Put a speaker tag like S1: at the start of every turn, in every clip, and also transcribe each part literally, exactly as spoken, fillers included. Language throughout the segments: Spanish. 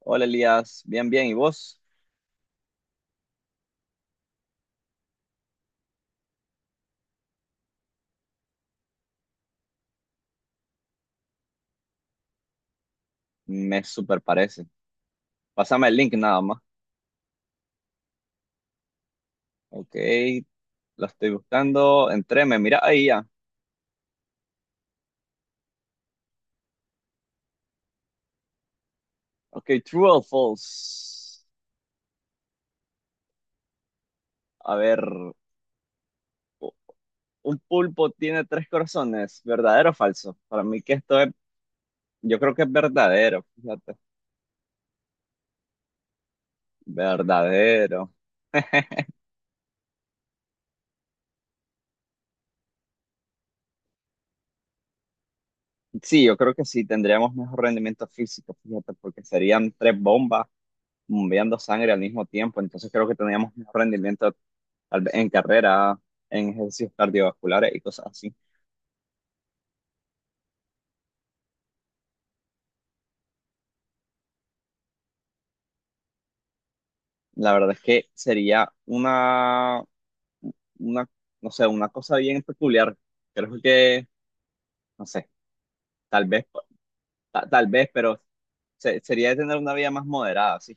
S1: Hola Elías, bien, bien, ¿y vos? Me super parece. Pásame el link nada más. Ok, lo estoy buscando. Entré, me mira ahí ya. Ok, true o false. A ver, u- un pulpo tiene tres corazones, ¿verdadero o falso? Para mí que esto es, yo creo que es verdadero, fíjate. Verdadero. Sí, yo creo que sí, tendríamos mejor rendimiento físico, fíjate, porque serían tres bombas bombeando sangre al mismo tiempo, entonces creo que tendríamos mejor rendimiento tal vez en carrera, en ejercicios cardiovasculares y cosas así. La verdad es que sería una, una, no sé, una cosa bien peculiar. Creo que, no sé, tal vez, ta- tal vez, pero se- sería de tener una vida más moderada, sí,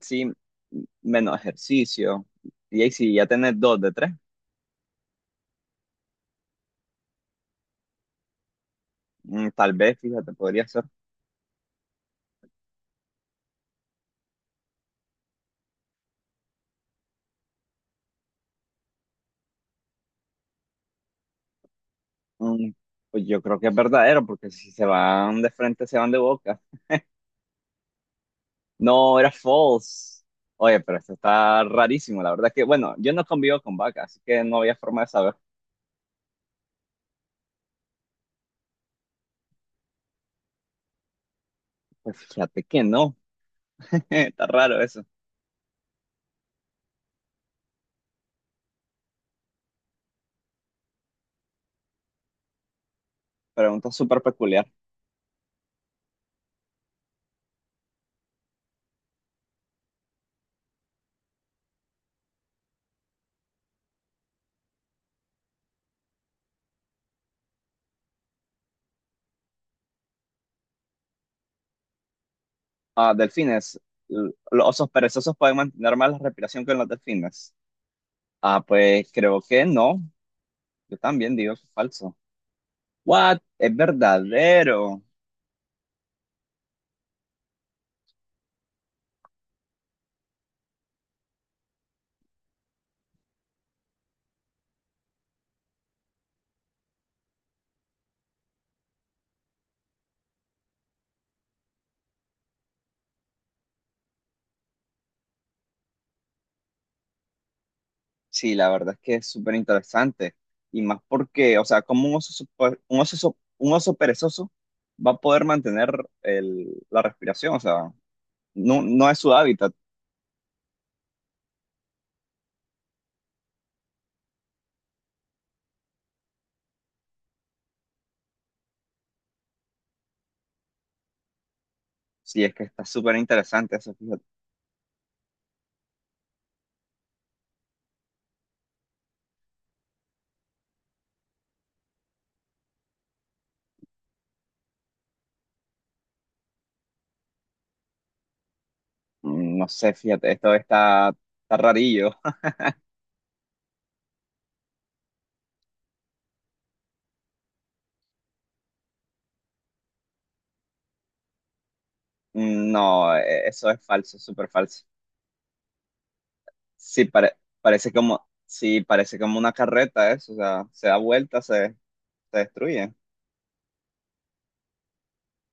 S1: sí, menos ejercicio. Y ahí si ya tenés dos de tres, mm, tal vez, fíjate, podría ser. mm, pues yo creo que es verdadero, porque si se van de frente, se van de boca. No, era false. Oye, pero esto está rarísimo. La verdad que, bueno, yo no convivo con vacas, así que no había forma de saber. Pues fíjate que no. Está raro eso. Pregunta súper peculiar. Ah, delfines. L- ¿Los osos perezosos pueden mantener más la respiración que los delfines? Ah, pues creo que no. Yo también digo que es falso. What? Es verdadero. Sí, la verdad es que es súper interesante. Y más porque, o sea, como un oso, supe- un oso, so- un oso perezoso va a poder mantener el- la respiración? O sea, no, no es su hábitat. Sí, es que está súper interesante eso, fíjate. Mm, No sé, fíjate, esto está, está rarillo. Mm, no, eh, eso es falso, súper falso. Sí, pare- parece como, sí, parece como una carreta eso, o sea, se da vuelta, se, se destruye.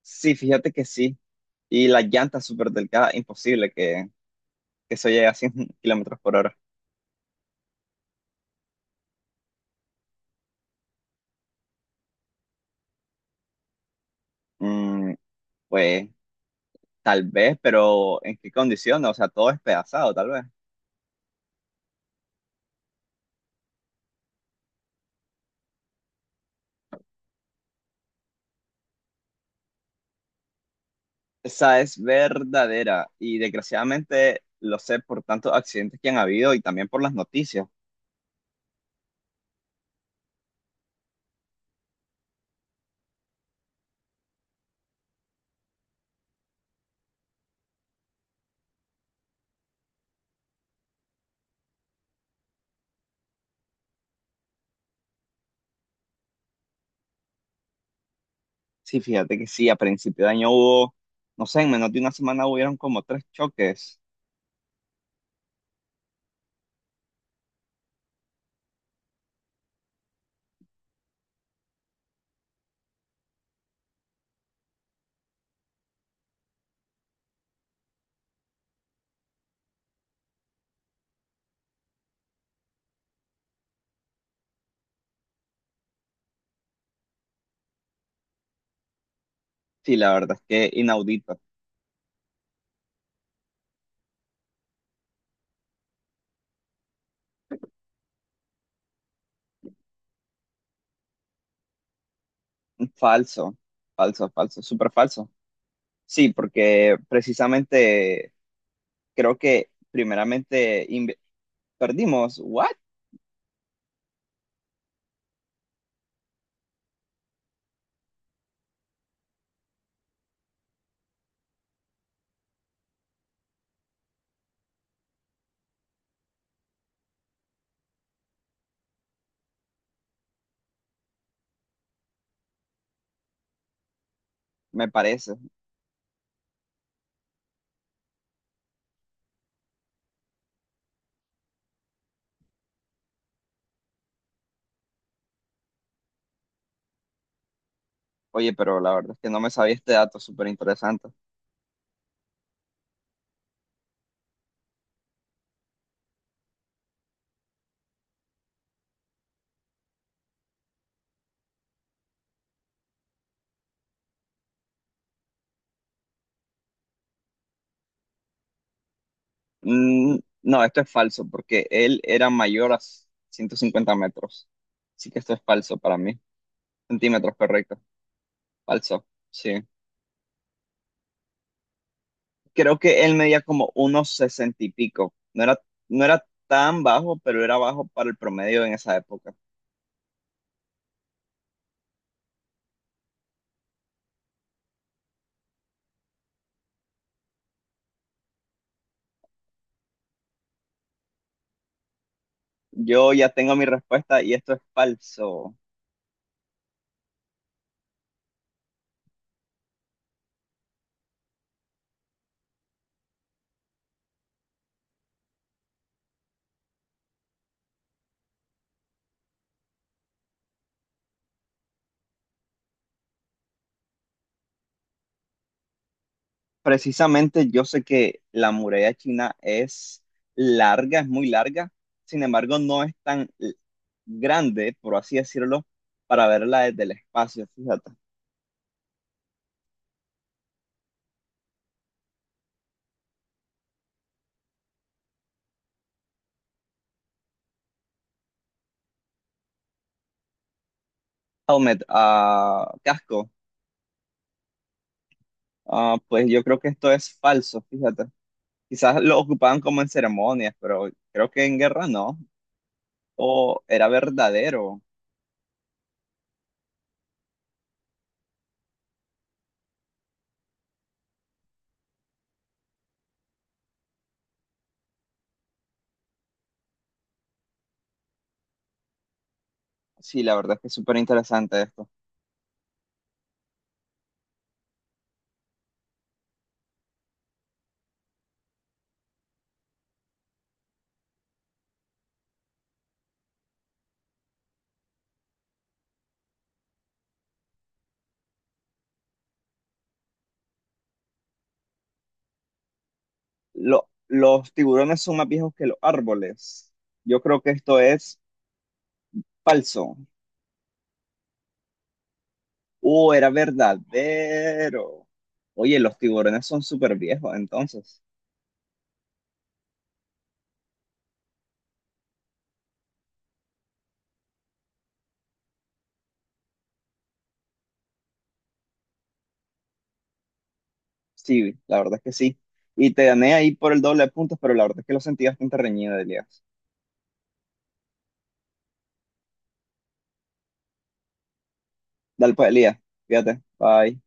S1: Sí, fíjate que sí. Y las llantas súper delgadas, imposible que, que eso llega a cien kilómetros por hora. Mm, pues tal vez, pero ¿en qué condiciones? O sea, todo es pedazado, tal vez. Esa es verdadera y desgraciadamente lo sé por tantos accidentes que han habido y también por las noticias. Sí, fíjate que sí, a principio de año hubo, no sé, en menos de una semana hubieron como tres choques. Sí, la verdad es que inaudito. Falso, falso, falso, súper falso. Sí, porque precisamente creo que primeramente inve- perdimos, ¿what? Me parece. Oye, pero la verdad es que no me sabía este dato súper interesante. Mm, no, esto es falso porque él era mayor a ciento cincuenta metros. Así que esto es falso para mí. Centímetros, correcto. Falso, sí. Creo que él medía como unos sesenta y pico. No era, no era tan bajo, pero era bajo para el promedio en esa época. Yo ya tengo mi respuesta y esto es falso. Precisamente yo sé que la muralla china es larga, es muy larga, sin embargo no es tan l- grande, por así decirlo, para verla desde el espacio, fíjate. Helmet, ah, casco, ah, pues yo creo que esto es falso, fíjate. Quizás lo ocupaban como en ceremonias, pero creo que en guerra no, o era verdadero. Sí, la verdad es que es súper interesante esto. Lo- los tiburones son más viejos que los árboles. Yo creo que esto es falso. Uh, era verdadero. Oye, los tiburones son súper viejos, entonces. Sí, la verdad es que sí. Y te gané ahí por el doble de puntos, pero la verdad es que lo sentí bastante reñido, Elías. Dale pues, Elías. Fíjate. Bye.